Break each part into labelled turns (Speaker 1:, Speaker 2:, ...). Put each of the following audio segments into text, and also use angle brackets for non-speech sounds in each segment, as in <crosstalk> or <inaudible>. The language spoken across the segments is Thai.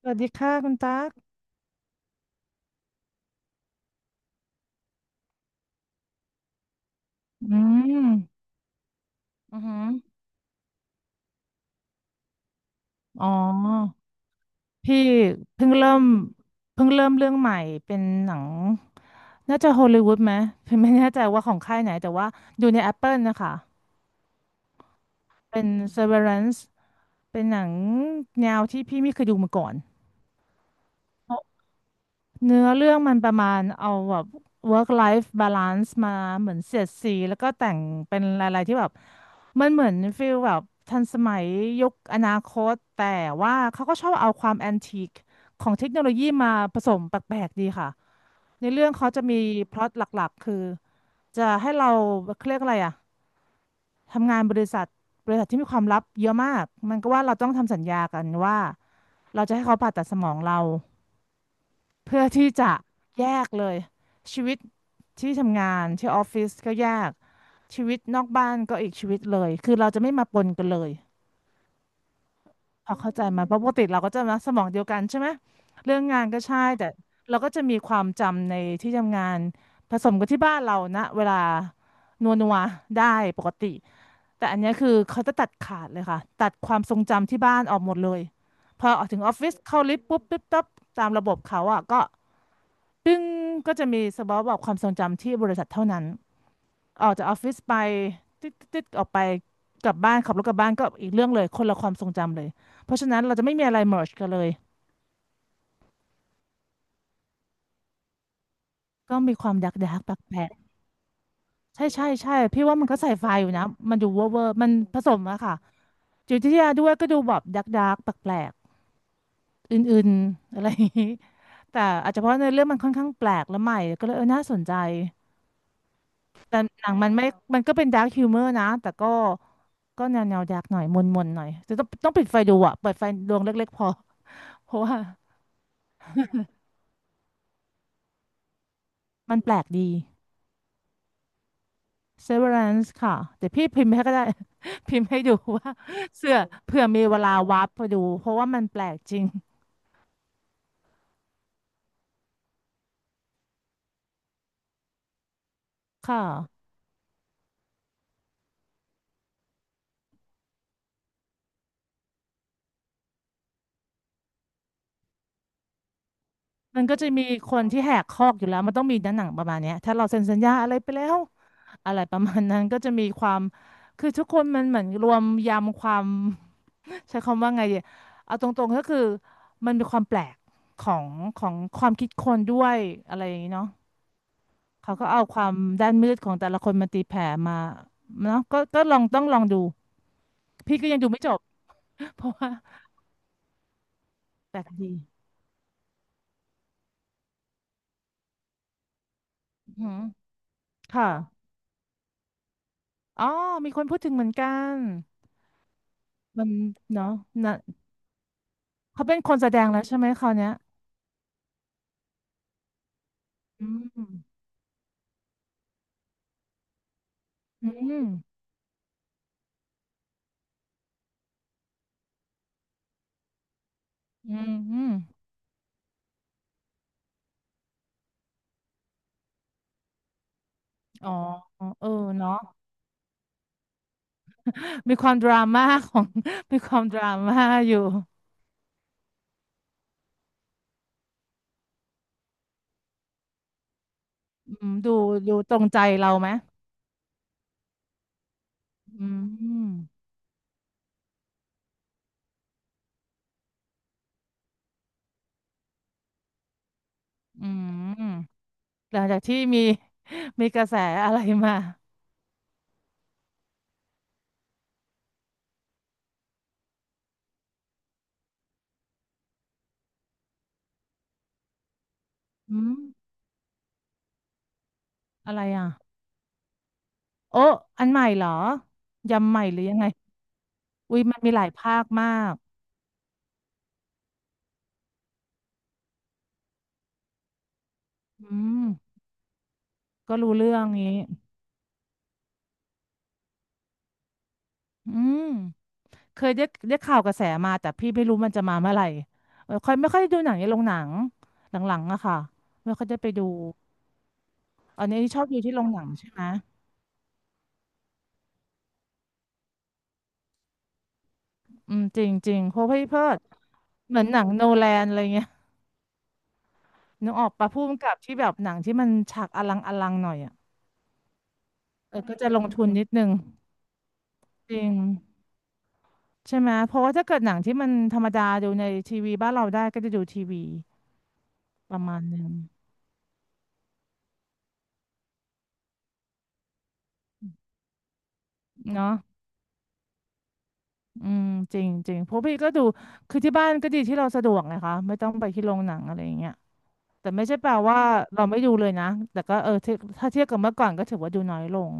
Speaker 1: สวัสดีค่ะคุณตั๊กอืมอือหืออ๋อพี่เพิ่งเริ่มเพิ่งเริ่มเรื่องใหม่เป็นหนังน่าจะฮอลลีวูดไหมพี่ไม่แน่ใจว่าของค่ายไหนแต่ว่าอยู่ใน Apple นะคะเป็น Severance เป็นหนังแนวที่พี่ไม่เคยดูมาก่อน เนื้อเรื่องมันประมาณเอาแบบ work life balance มาเหมือนเสียดสีแล้วก็แต่งเป็นอะไรๆที่แบบมันเหมือนฟีลแบบทันสมัยยุคอนาคตแต่ว่าเขาก็ชอบเอาความแอนทีคของเทคโนโลยีมาผสมแปลกๆดีค่ะในเรื่องเขาจะมีพล็อตหลักๆคือจะให้เราเขาเรียกอะไรอะทำงานบริษัทบริษัทที่มีความลับเยอะมากมันก็ว่าเราต้องทำสัญญากันว่าเราจะให้เขาผ่าตัดสมองเรา เพื่อที่จะแยกเลยชีวิตที่ทำงานที่ออฟฟิศก็แยกชีวิตนอกบ้านก็อีกชีวิตเลยคือเราจะไม่มาปนกันเลยพอเข้าใจไหมาเพราะปกติเราก็จะนะสมองเดียวกันใช่ไหมเรื่องงานก็ใช่แต่เราก็จะมีความจำในที่ทำงานผสมกับที่บ้านเรานะเวลานัวนัวได้ปกติแต่อันเนี้ยคือเขาจะตัดขาดเลยค่ะตัดความทรงจำที่บ้านออกหมดเลยพอออกถึงออฟฟิศเข้าลิฟต์ปุ๊บปิ๊บตับตามระบบเขาอ่ะก็ ซึ่งก็จะมีสบอบอกความทรงจำที่บริษัทเท่านั้นออกจากออฟฟิศไปติดออกไปกลับบ้านขับรถกลับบ้านก็อีกเรื่องเลยคนละความทรงจำเลยเพราะฉะนั้นเราจะไม่มีอะไรเมิร์จกันเลยก็มีความดักดักแปลกแปลกใช่ใช่ใช่พี่ว่ามันก็ใส่ไฟอยู่นะมันดูเวอร์เวอร์มันผสมอะค่ะจิตวิทยาด้วยก็ดูแบบดักดักแปลกแปลกอื่นๆอะไรอย่างนี้แต่อาจจะเพราะในเรื่องมันค่อนข้างแปลกและใหม่ก็เลยเออน่าสนใจ แต่หนังมันไม่มันก็เป็นดาร์คฮิวเมอร์นะ แต่ก็ก็แนวดาร์กหน่อยมนมนหน่อยจะต้องปิดไฟดูอ่ะเปิดไฟดวงเล็กๆพอ <laughs> เพราะว่ามันแปลกดี Severance ค่ะเดี๋ยวพี่พิมพ์ให้ก็ได้ <laughs> พิมพ์ให้ดูว่าเสื้อเผื่อมีเวลาวาร์ปไปดู เพราะว่ามันแปลกจริงค่ะ มันก็จะมีคนที่แหกคอกอยู่แล้ว มันต้องมีด้านหนังประมาณเนี้ยถ้าเราเซ็นสัญญาอะไรไปแล้วอะไรประมาณนั้นก็จะมีความคือทุกคนมันเหมือนรวมยำความ ใช้คำว่าไงดีเอาตรงๆก็คือมันมีความแปลกของของความคิดคนด้วยอะไรอย่างนี้เนาะเขาก็เอาความด้านมืดของแต่ละคนมาตีแผ่มาเนาะก็ก็ลองต้องลองดูพี่ก็ยังดูไม่จบ <laughs> เพราะว่าแปลกดีอือหือค่ะอ๋อมีคนพูดถึงเหมือนกันมันเนาะนะเขาเป็นคนแสดงแล้วใช่ไหมคราวเนี้ยอืมอืมออืมอ๋อเออเนาะมีความดราม่าของ <laughs> มีความดราม่าอยู่ อืมดูดูตรงใจเราไหมอืมอืมหลังจากที่มี <laughs> มีกระแสอะไรมาอืมอะไรอ่ะโอ้อันใหม่เหรอยำใหม่หรือยังไงอุ้ยมันมีหลายภาคมากอืมก็รู้เรื่องนี้อืมเคยได้ได้ข่าวกระแสมาแต่พี่ไม่รู้มันจะมาเมื่อไหร่เออค่อยไม่ค่อยดูหนังในโรงหนังหลังๆอะค่ะไม่ค่อยได้ไปดูอันนี้ชอบดูที่โรงหนังใช่ไหม อืมจริงจริงเพราะพี่เพิดเหมือนหนังโนแลนอะไรเงี้ยนึกออกปะพุ่มกับที่แบบหนังที่มันฉากอลังอลังหน่อยอ่ะเออก็จะลงทุนนิดนึงจริงใช่ไหมเพราะว่าถ้าเกิดหนังที่มันธรรมดาดูในทีวีบ้านเราได้ก็จะดูทีวีประมาณนึงเนาะอืมจริงจริงเพราะพี่ก็ดูคือที่บ้านก็ดีที่เราสะดวกนะคะไม่ต้องไปที่โรงหนังอะไรอย่างเงี้ยแต่ไม่ใช่แปลว่าเราไม่ดูเลยนะแต่ก็เออถ้าถ้าเทียบกับเมื่อก่อนก็ถือว่าดูน้อยลง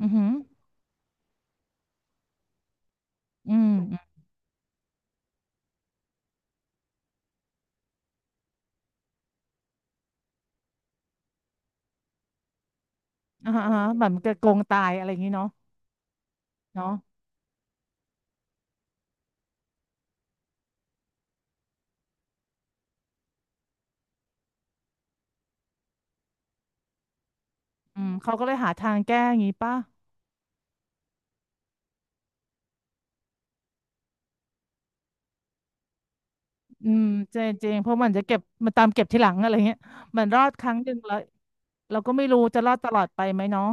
Speaker 1: อือหืออืม อ่าฮะอ่าฮะแบบมันจะโกงตายอะไรอย่างนี้เนาะเนาะอืมเขาก็เลยหาทางแก้อย่างนี้ป่ะอืมจริงจริงเพราะมันจะเก็บมันตามเก็บทีหลังอะไรเงี้ยมันรอดครั้งหนึ่งแล้วเราก็ไม่รู้จะรอดตลอดไปไหมเนาะ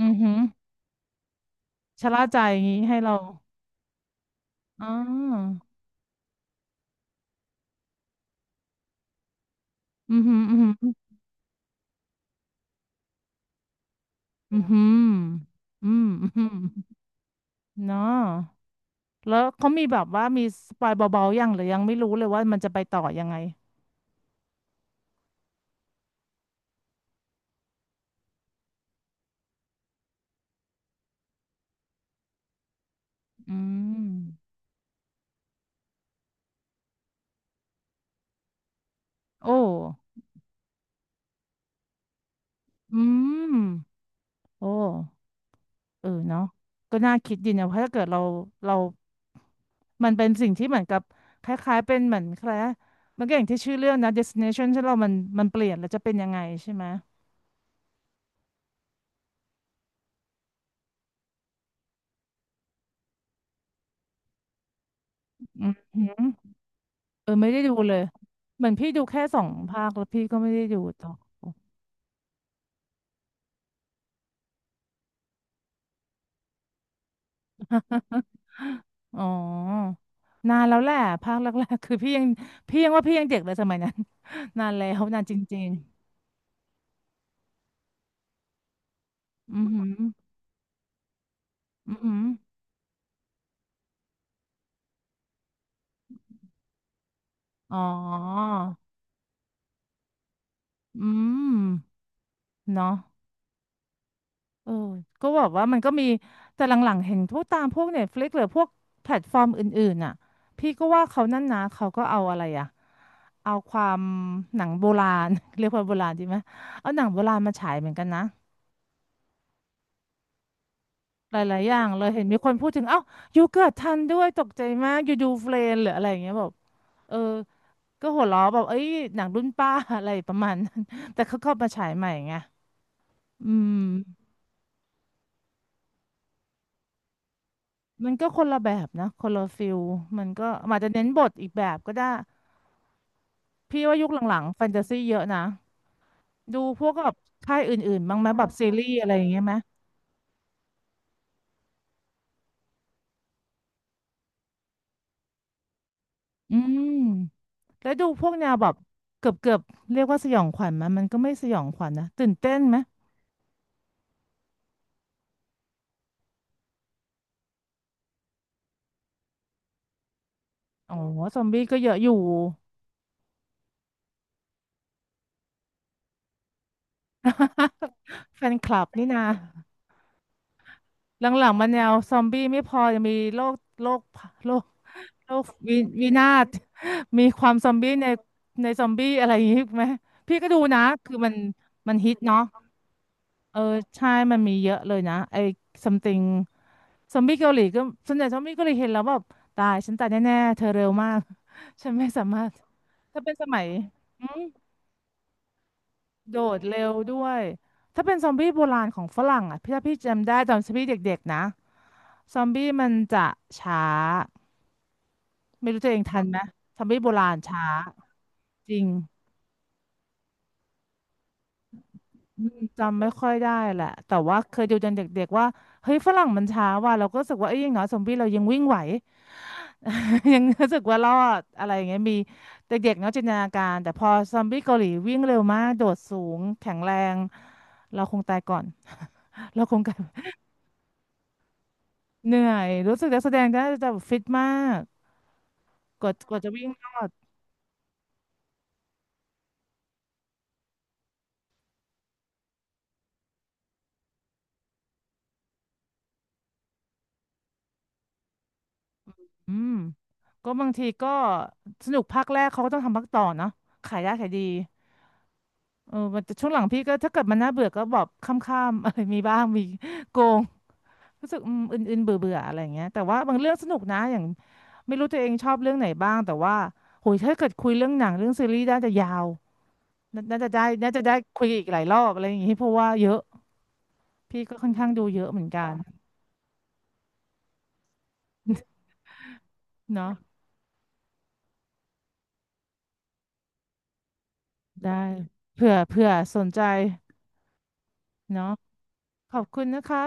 Speaker 1: อือหือชะล่าใจอย่างนี้ให้เราอ๋ออือหืออือหืออือหืออืมอือหือเนาะแล้วเขามีแบบว่ามีสปอยเบาๆยังหรือยังไม่รู้เลยว่ามันจะไปต่อยังไงอืมโอ้อืมโอ้ เออเนาะก็น่าคิดดีนะเพราะถ้าเกิดเราเรามันเป็นสิ่งที่เหมือนกับคล้ายๆเป็นเหมือนแคล้ายมันก็อย่างที่ชื่อเรื่องนะ destination ที่เรามันเปลี่ยนแล้วจะเป็นยังไงใช่ไหมอืมหือเออไม่ได้ดูเลยเหมือนพี่ดูแค่สองภาคแล้วพี่ก็ไม่ได้ดูต่อ <laughs> อ๋อนานแล้วแหละภาคแรกๆคือพี่ยังว่าพี่ยังเด็กเลยสมัยนั้น <laughs> นานแล้วนานจริงๆอือหืออือหืออ๋ออืมเนาะ เออก็แบบว่ามันก็มีแต่หลังๆเห็นพวกตามพวกเน็ตฟลิกหรือพวกแพลตฟอร์มอื่นๆน่ะพี่ก็ว่าเขานั่นนะเขาก็เอาอะไรอะเอาความหนังโบราณ <laughs> เรียกว่าโบราณดีไหมเอาหนังโบราณมาฉายเหมือนกันนะหลายๆอย่างเลยเห็นมีคนพูดถึงเอ้ายูเกิดทันด้วยตกใจมากยูดูเฟรนหรืออะไรอย่างเงี้ยแบบเออก็หัวเราะแบบเอ้ยหนังรุ่นป้า <laughs> อะไรประมาณนั้นแต่เขาเข้ามาฉายใหม่ไงอืม มันก็คนละแบบนะคนละฟิลมันก็อาจจะเน้นบทอีกแบบก็ได้พี่ว่ายุคหลังๆแฟนตาซีเยอะนะดูพวกแบบค่ายอื่นๆบ้างไหมแบบซีรีส์อะไรอย่างเงี้ยไหมอืมแล้วดูพวกแนวแบบเกือบเรียกว่าสยองขวัญไหมมันก็ไม่สยองขวัญนะตื่นเต้นไหมอ๋อซอมบี้ก็เยอะอยู่ <laughs> แฟนคลับนี่นะ หลังๆมันแนวซอมบี้ไม่พอยังมีโรคโรคโรควิวินาศ <laughs> มีความซอมบี้ในซอมบี้อะไรอย่างงี้ไหมพี่ก็ดูนะคือมันฮิตเนาะเออใช่มันมีเยอะเลยนะไอ้ something ซอมบี้เกาหลีก็ส่วนใหญ่ซอมบี้เกาหลีเห็นแล้วแบบตายฉันตายแน่ๆเธอเร็วมาก <laughs> ฉันไม่สามารถถ้าเป็นสมัยอืม โดดเร็วด้วย ถ้าเป็นซอมบี้โบราณของฝรั่งอ่ะพี่ถ้าพี่จำได้ตอนซอมบี้เด็กๆนะ ซอมบี้มันจะช้า ไม่รู้ตัวเองทันไหม ซอมบี้โบราณช้าจริง อืมจำไม่ค่อยได้แหละแต่ว่าเคยดูตอนเด็กๆว่าเฮ้ยฝรั่งมันช้าว่ะเราก็รู้สึกว่าเอ้ยอย่างน้อยซอมบี้เรายังวิ่งไหว <laughs> ยังรู้สึกว่ารอดอะไรอย่างเงี้ยมีเด็กๆเนาะจินตนาการแต่พอซอมบี้เกาหลีวิ่งเร็วมากโดดสูงแข็งแรงเราคงตายก่อน <laughs> เราคงกลายเหนื่อยรู้สึกนักแสดงน่าจะฟิตมากกว่าจะวิ่งรอดอืมก็บางทีก็สนุกภาคแรกเขาก็ต้องทำภาคต่อเนาะขายได้ขายดี เออแต่ช่วงหลังพี่ก็ถ้าเกิดมันน่าเบื่อก็บอกข้ามๆ <laughs> อะไรมีบ้างมีโกงรู้สึกอืมอื่นๆเบื่อเบื่ออะไรอย่างเงี้ยแต่ว่าบางเรื่องสนุกนะอย่างไม่รู้ตัวเองชอบเรื่องไหนบ้างแต่ว่าโหยถ้าเกิดคุยเรื่องหนังเรื่องซีรีส์น่าจะยาวน่าจะได้น่าจะได้คุยอีกหลายรอบอะไรอย่างงี้เพราะว่าเยอะพี่ก็ค่อนข้างดูเยอะเหมือนกันเนาะได้เผื่อสนใจเนาะขอบคุณนะคะ